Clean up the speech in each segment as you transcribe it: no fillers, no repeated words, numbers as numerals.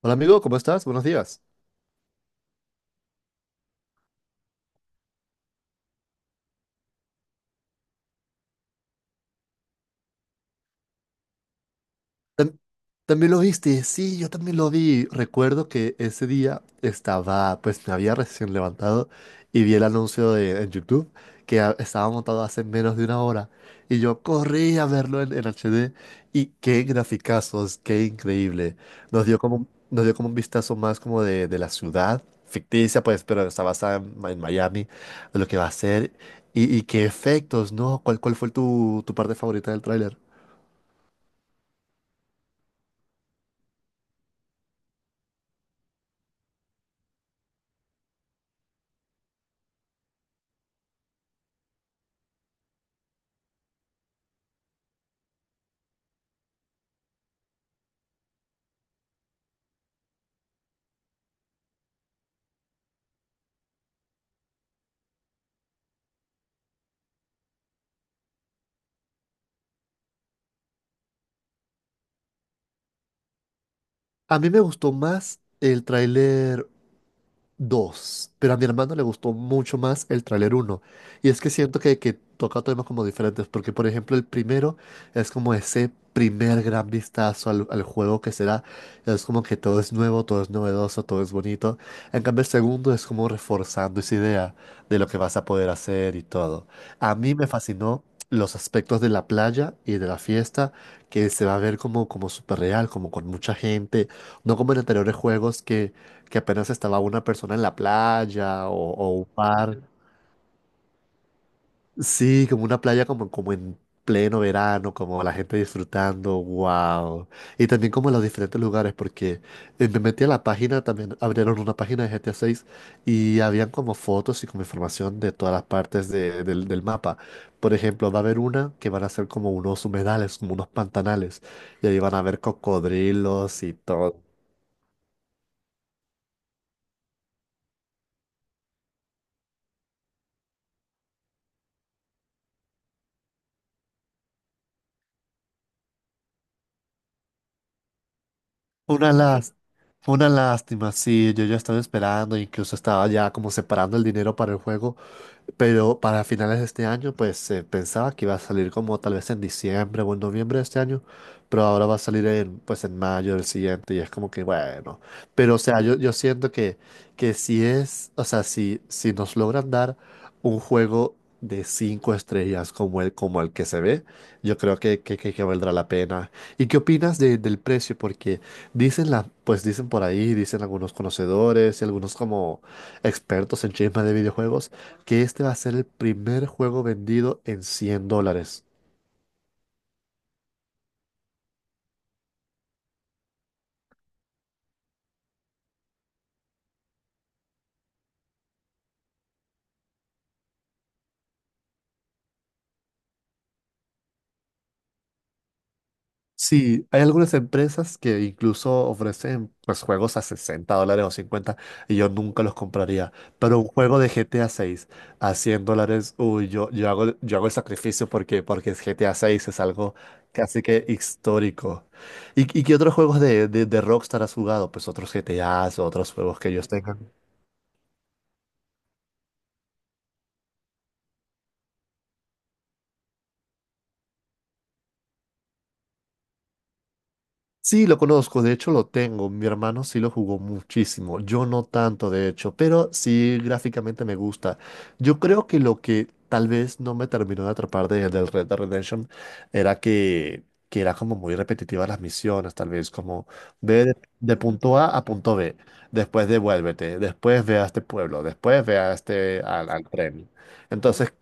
Hola amigo, ¿cómo estás? Buenos días. Tam- ¿También lo viste? Sí, yo también lo vi. Recuerdo que ese día estaba, pues me había recién levantado y vi el anuncio en YouTube que estaba montado hace menos de una hora y yo corrí a verlo en, HD y qué graficazos, qué increíble. Nos dio como un vistazo más como de, la ciudad ficticia, pues, pero está basada en Miami, de lo que va a ser. Y qué efectos, ¿no? ¿Cuál fue tu parte favorita del tráiler? A mí me gustó más el tráiler 2, pero a mi hermano le gustó mucho más el tráiler uno. Y es que siento que, toca temas como diferentes, porque por ejemplo el primero es como ese primer gran vistazo al juego que será, es como que todo es nuevo, todo es novedoso, todo es bonito. En cambio el segundo es como reforzando esa idea de lo que vas a poder hacer y todo. A mí me fascinó los aspectos de la playa y de la fiesta, que se va a ver como, súper real, como con mucha gente, no como en anteriores juegos que apenas estaba una persona en la playa o, un bar. Sí, como una playa como en pleno verano, como la gente disfrutando, wow. Y también como los diferentes lugares, porque me metí a la página, también abrieron una página de GTA 6 y habían como fotos y como información de todas las partes del mapa. Por ejemplo, va a haber una que van a ser como unos humedales, como unos pantanales, y ahí van a ver cocodrilos y todo. Una las, fue una lástima, sí, yo ya estaba esperando, incluso estaba ya como separando el dinero para el juego. Pero para finales de este año, pues se pensaba que iba a salir como tal vez en diciembre o en noviembre de este año, pero ahora va a salir pues en mayo del siguiente y es como que bueno. Pero o sea, yo, siento que si es, o sea, si nos logran dar un juego de cinco estrellas como el, que se ve, yo creo que valdrá la pena. ¿Y qué opinas del precio? Porque pues dicen por ahí, dicen algunos conocedores y algunos como expertos en chismes de videojuegos que este va a ser el primer juego vendido en $100. Sí, hay algunas empresas que incluso ofrecen pues, juegos a $60 o cincuenta, y yo nunca los compraría. Pero un juego de GTA 6 a $100, uy, yo hago el sacrificio porque es GTA 6, es algo casi que histórico. ¿Y qué otros juegos de Rockstar has jugado? Pues otros GTAs, otros juegos que ellos tengan. Sí, lo conozco, de hecho lo tengo. Mi hermano sí lo jugó muchísimo, yo no tanto de hecho, pero sí gráficamente me gusta. Yo creo que lo que tal vez no me terminó de atrapar del Red Dead Redemption era que, era como muy repetitivas las misiones, tal vez como ve de punto A a punto B, después devuélvete, después ve a este pueblo, después ve a al tren. Entonces,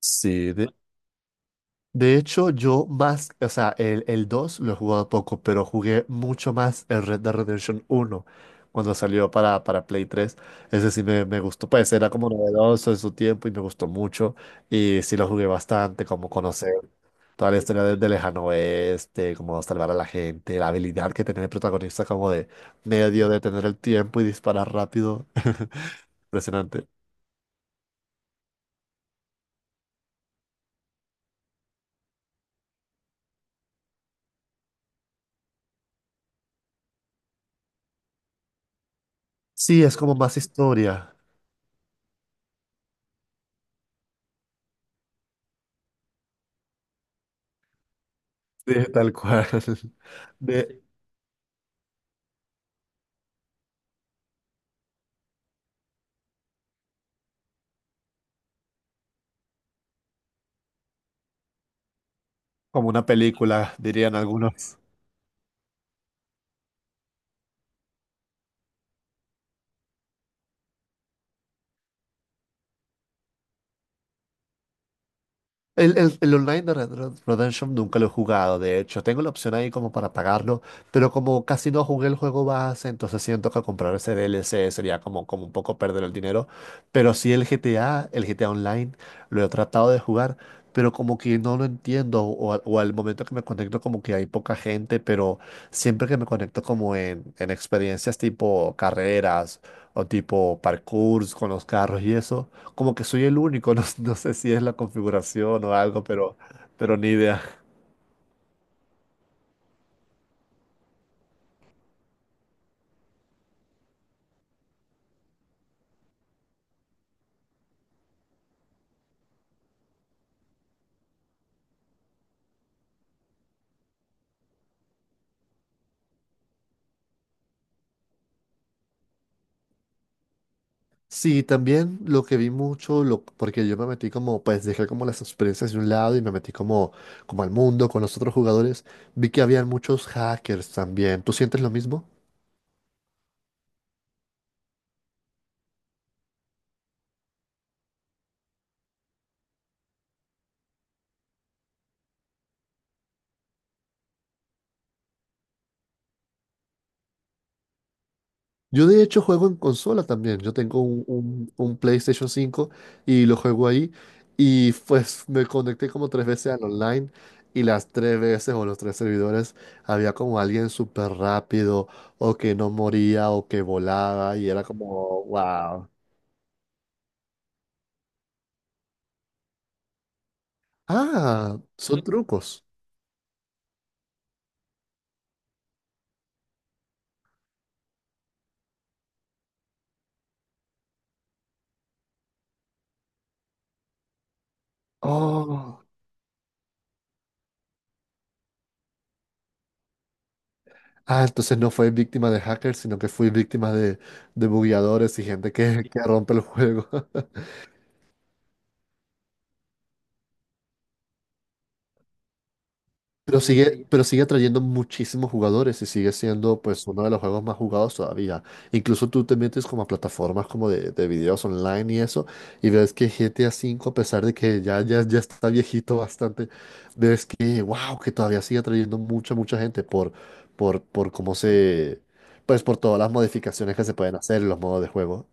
sí. De hecho, yo más, o sea, el, 2 lo he jugado poco, pero jugué mucho más el Red Dead Redemption uno cuando salió para, Play 3. Ese sí me gustó, pues era como novedoso en su tiempo y me gustó mucho. Y sí lo jugué bastante, como conocer toda la historia del lejano oeste, como salvar a la gente, la habilidad que tenía el protagonista como de medio de tener el tiempo y disparar rápido. Impresionante. Sí, es como más historia. Sí, tal cual. De, Como una película, dirían algunos. El Online de Red Dead Redemption nunca lo he jugado, de hecho. Tengo la opción ahí como para pagarlo, pero como casi no jugué el juego base, entonces siento que comprar ese DLC sería como, un poco perder el dinero. Pero sí el GTA Online, lo he tratado de jugar, pero como que no lo entiendo, o al momento que me conecto como que hay poca gente, pero siempre que me conecto como en, experiencias tipo carreras o tipo parkour con los carros y eso. Como que soy el único, no, no sé si es la configuración o algo, pero ni idea. Sí, también lo que vi mucho, porque yo me metí como, pues dejé como las experiencias de un lado y me metí como, como al mundo con los otros jugadores, vi que habían muchos hackers también. ¿Tú sientes lo mismo? Yo de hecho juego en consola también. Yo tengo un PlayStation 5 y lo juego ahí. Y pues me conecté como tres veces al online y las tres veces o los tres servidores había como alguien súper rápido o que no moría o que volaba y era como, wow. Ah, son trucos. Oh. Ah, entonces no fue víctima de hackers, sino que fui víctima de bugueadores y gente que, rompe el juego. Pero sigue atrayendo muchísimos jugadores y sigue siendo pues uno de los juegos más jugados todavía. Incluso tú te metes como a plataformas como de videos online y eso, y ves que GTA V, a cinco, a pesar de que ya, ya, ya está viejito bastante, ves que, wow, que todavía sigue atrayendo mucha, mucha gente por pues por todas las modificaciones que se pueden hacer en los modos de juego.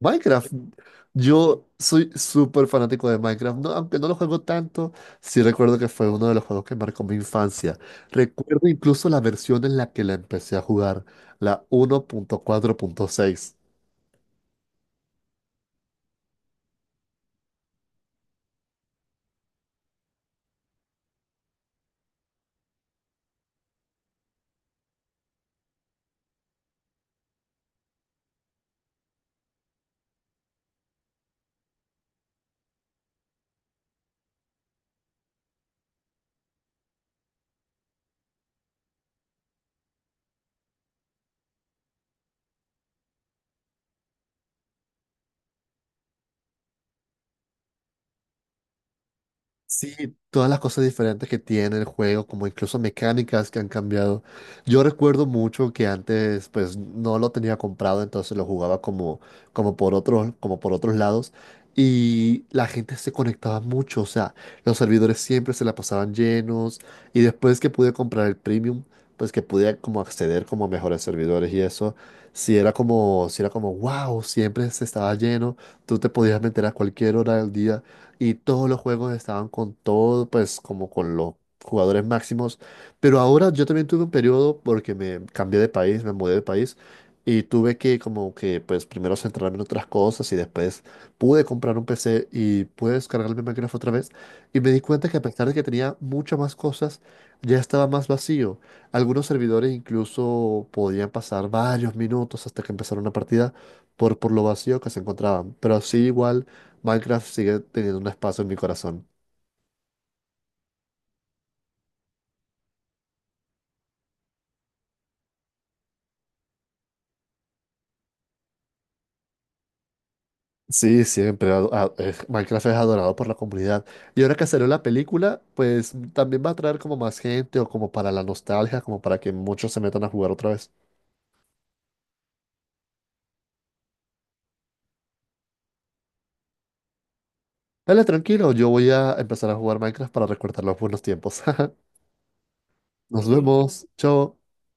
Minecraft. Yo soy súper fanático de Minecraft, aunque no lo juego tanto, sí recuerdo que fue uno de los juegos que marcó mi infancia. Recuerdo incluso la versión en la que la empecé a jugar, la uno punto cuatro punto seis. Sí, todas las cosas diferentes que tiene el juego, como incluso mecánicas que han cambiado. Yo recuerdo mucho que antes pues no lo tenía comprado, entonces lo jugaba como por otros lados. Y la gente se conectaba mucho, o sea, los servidores siempre se la pasaban llenos. Y después que pude comprar el premium, pues que pude como acceder como a mejores servidores y eso, sí era como, wow, siempre se estaba lleno. Tú te podías meter a cualquier hora del día y todos los juegos estaban con todo, pues como con los jugadores máximos. Pero ahora yo también tuve un periodo porque me cambié de país, me mudé de país y tuve que como que pues primero centrarme en otras cosas y después pude comprar un PC y pude descargarme Minecraft otra vez y me di cuenta que a pesar de que tenía muchas más cosas, ya estaba más vacío. Algunos servidores incluso podían pasar varios minutos hasta que empezara una partida por lo vacío que se encontraban. Pero así igual Minecraft sigue teniendo un espacio en mi corazón. Sí, siempre. Minecraft es adorado por la comunidad. Y ahora que salió la película, pues también va a traer como más gente o como para la nostalgia, como para que muchos se metan a jugar otra vez. Dale, tranquilo, yo voy a empezar a jugar Minecraft para recordar los buenos tiempos. Nos vemos. Chao.